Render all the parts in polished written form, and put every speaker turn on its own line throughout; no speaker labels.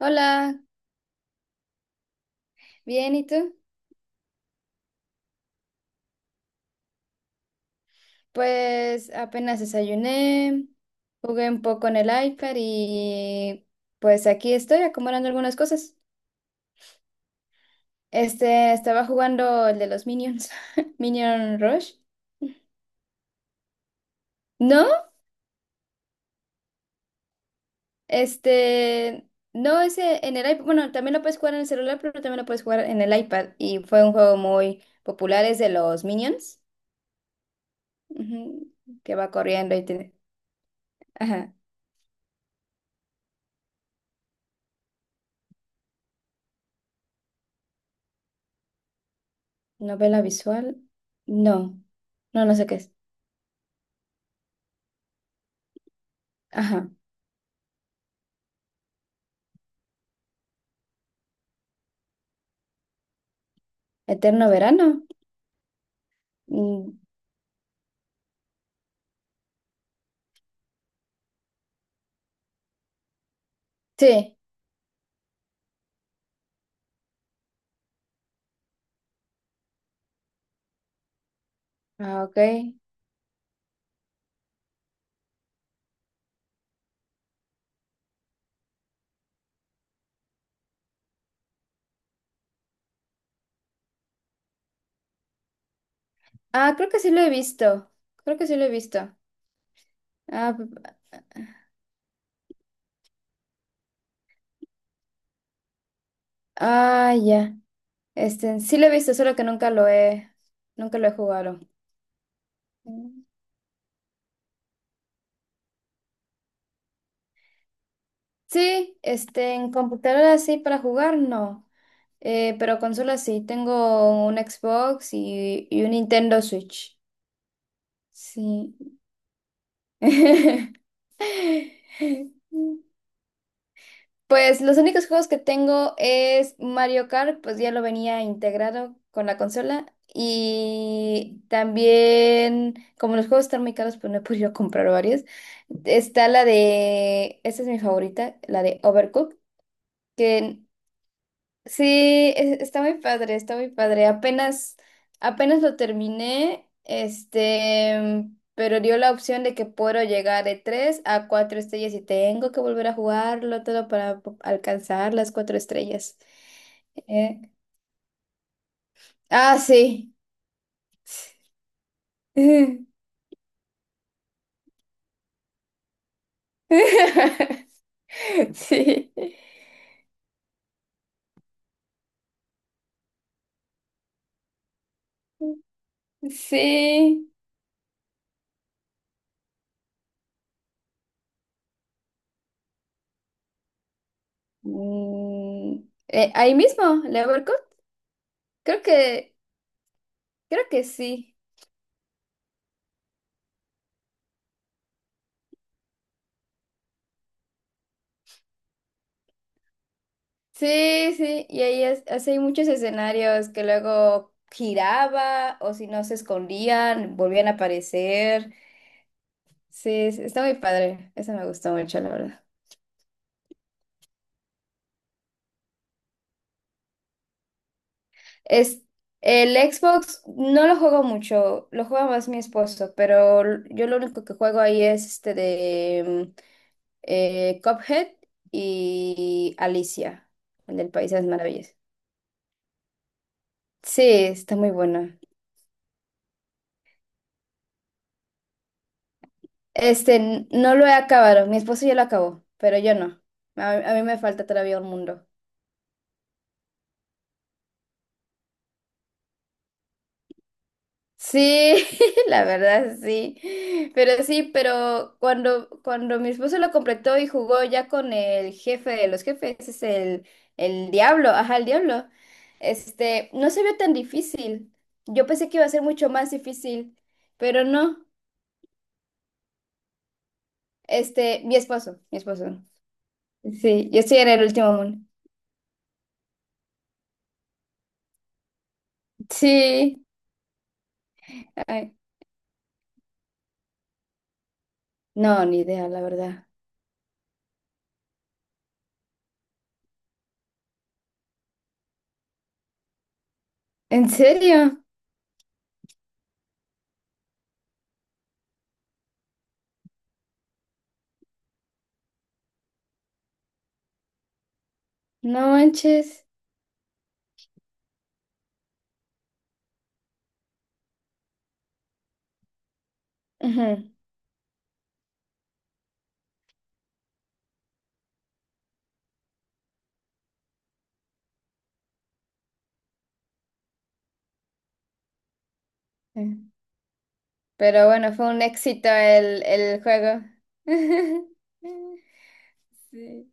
Hola, bien, ¿y tú? Pues apenas desayuné, jugué un poco en el iPad y pues aquí estoy acomodando algunas cosas. Estaba jugando el de los Minions, Minion Rush. No, este, no, ese en el iPad, bueno, también lo puedes jugar en el celular, pero también lo puedes jugar en el iPad y fue un juego muy popular, es de los Minions, ujú, que va corriendo y tiene, ajá, novela visual, no, no, no sé qué es. Ajá. ¿Eterno verano? Mm, sí. Ah, ok. Ah, creo que sí lo he visto. Creo que sí lo he visto. Ah, ah, ya. Sí lo he visto, solo que nunca lo he jugado. Mm. Sí, en computadora sí para jugar, no. Pero consola sí. Tengo un Xbox y un Nintendo Switch. Sí. Pues los únicos juegos que tengo es Mario Kart, pues ya lo venía integrado con la consola. Y también, como los juegos están muy caros, pues no he podido comprar varios. Está la de, esta es mi favorita, la de Overcooked, que sí, está muy padre, está muy padre. Apenas lo terminé, pero dio la opción de que puedo llegar de tres a cuatro estrellas y tengo que volver a jugarlo todo para alcanzar las cuatro estrellas. Eh, ah, sí. Sí, sí. Mm, ahí mismo, Leverkusen. Creo que, Creo que sí. Sí, sí, y ahí es, así hay muchos escenarios que luego giraba o si no se escondían, volvían a aparecer. Sí, sí, está muy padre. Eso me gustó mucho, la verdad. Es, el Xbox no lo juego mucho, lo juega más mi esposo, pero yo lo único que juego ahí es este de mm, Cuphead y Alicia, el del País de las Maravillas. Sí, está muy bueno. No lo he acabado. Mi esposo ya lo acabó, pero yo no. A mí me falta todavía un mundo. Sí, la verdad sí. Pero sí, pero cuando mi esposo lo completó y jugó ya con el jefe de los jefes, ese es el diablo, ajá, el diablo. No se vio tan difícil. Yo pensé que iba a ser mucho más difícil, pero no. Mi esposo. Sí, yo estoy en el último mundo. Sí. Ay, no, ni idea, la verdad. ¿En serio? No manches. Ujú. Sí. Pero bueno, fue un éxito el juego. Sí,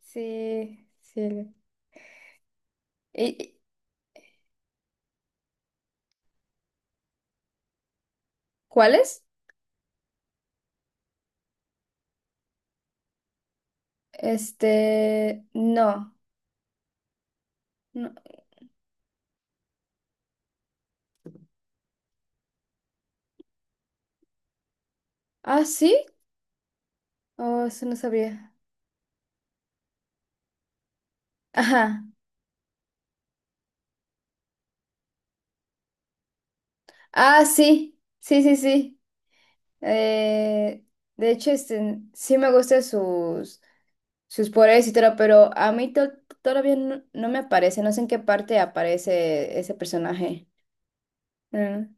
sí, sí. ¿Y, cuáles? No, no. Ah, sí. Oh, eso no sabía. Ajá. Ah, sí. Sí, sí, sí. Eh, de hecho, sí me gustan sus sus poderes y todo, pero todavía no me aparece, no sé en qué parte aparece ese personaje. Mm,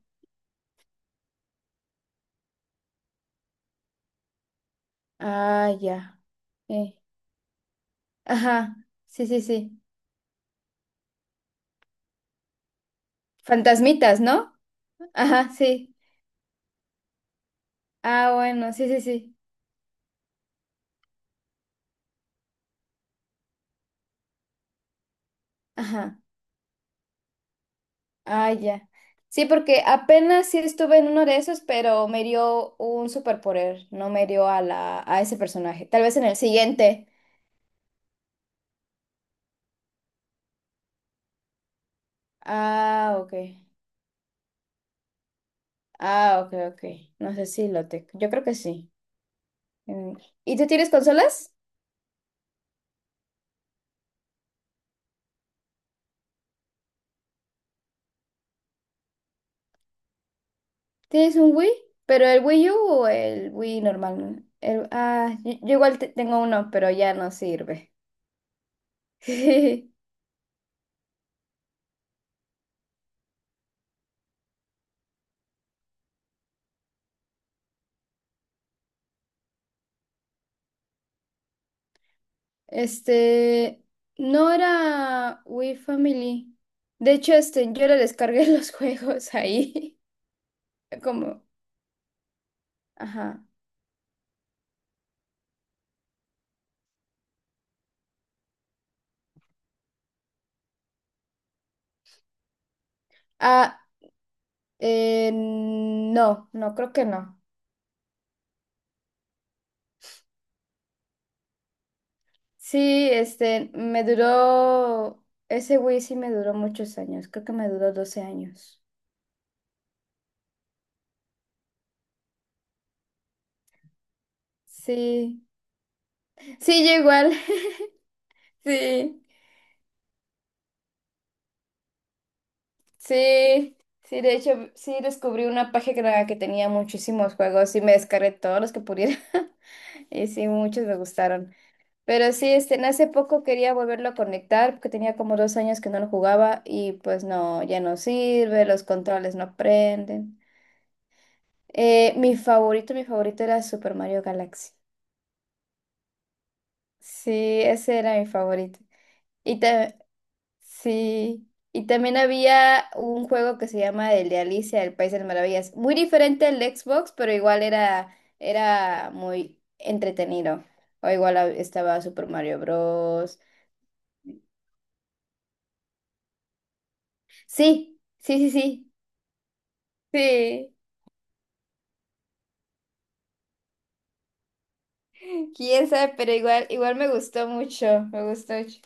ah, ya. eh, Ajá, sí, sí, sí. Fantasmitas, ¿no? Ajá, sí. Ah, bueno, sí, sí, sí. Ajá. Ah, ya. Sí, porque apenas sí estuve en uno de esos, pero me dio un superpoder, no me dio a ese personaje. Tal vez en el siguiente. Ah, ok. Ah, ok, ok. No sé si lo tengo. Yo creo que sí. Mm, ¿y tú tienes consolas? ¿Tienes un Wii? ¿Pero el Wii U o el Wii normal? ¿No? El, ah, yo igual tengo uno, pero ya no sirve. Este, no era Wii Family. De hecho, yo le descargué los juegos ahí. Como, ajá. Ah, no, no, creo que no. Sí, ese Wii sí me duró muchos años. Creo que me duró 12 años. Sí. Sí, yo igual. Sí, sí, sí, de hecho, sí descubrí una página que tenía muchísimos juegos y me descargué todos los que pudiera. Y sí, muchos me gustaron. Pero sí, en hace poco quería volverlo a conectar porque tenía como 2 años que no lo jugaba y pues no, ya no sirve, los controles no prenden. Mi favorito, mi favorito era Super Mario Galaxy. Sí, ese era mi favorito. Y, sí, y también había un juego que se llama el de Alicia, el País de las Maravillas. Muy diferente al de Xbox, pero igual era, era muy entretenido. O igual estaba Super Mario Bros. Sí, sí, sí, sí. Sí. Quién sabe, pero igual, igual me gustó mucho. Me gustó mucho.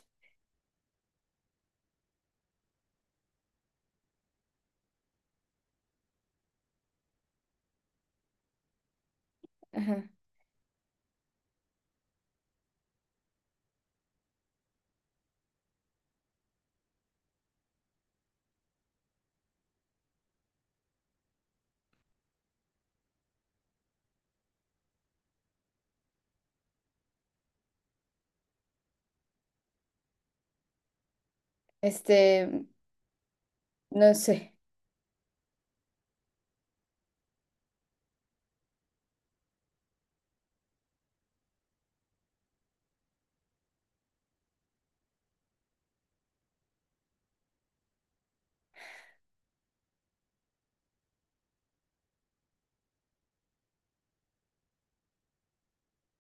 Ajá. Este, no sé.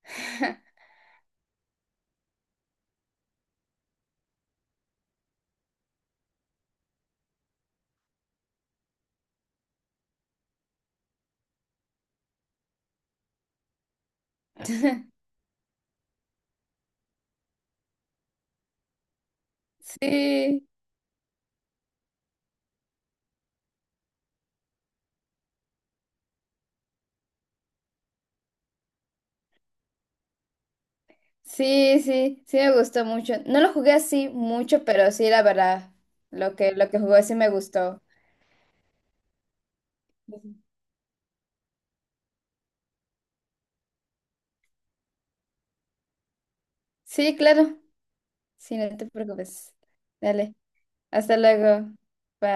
Sí. Sí, sí, sí me gustó mucho. No lo jugué así mucho, pero sí, la verdad, lo que jugué sí me gustó. Ujú. Sí, claro. Sí, no te preocupes. Dale, hasta luego. Bye.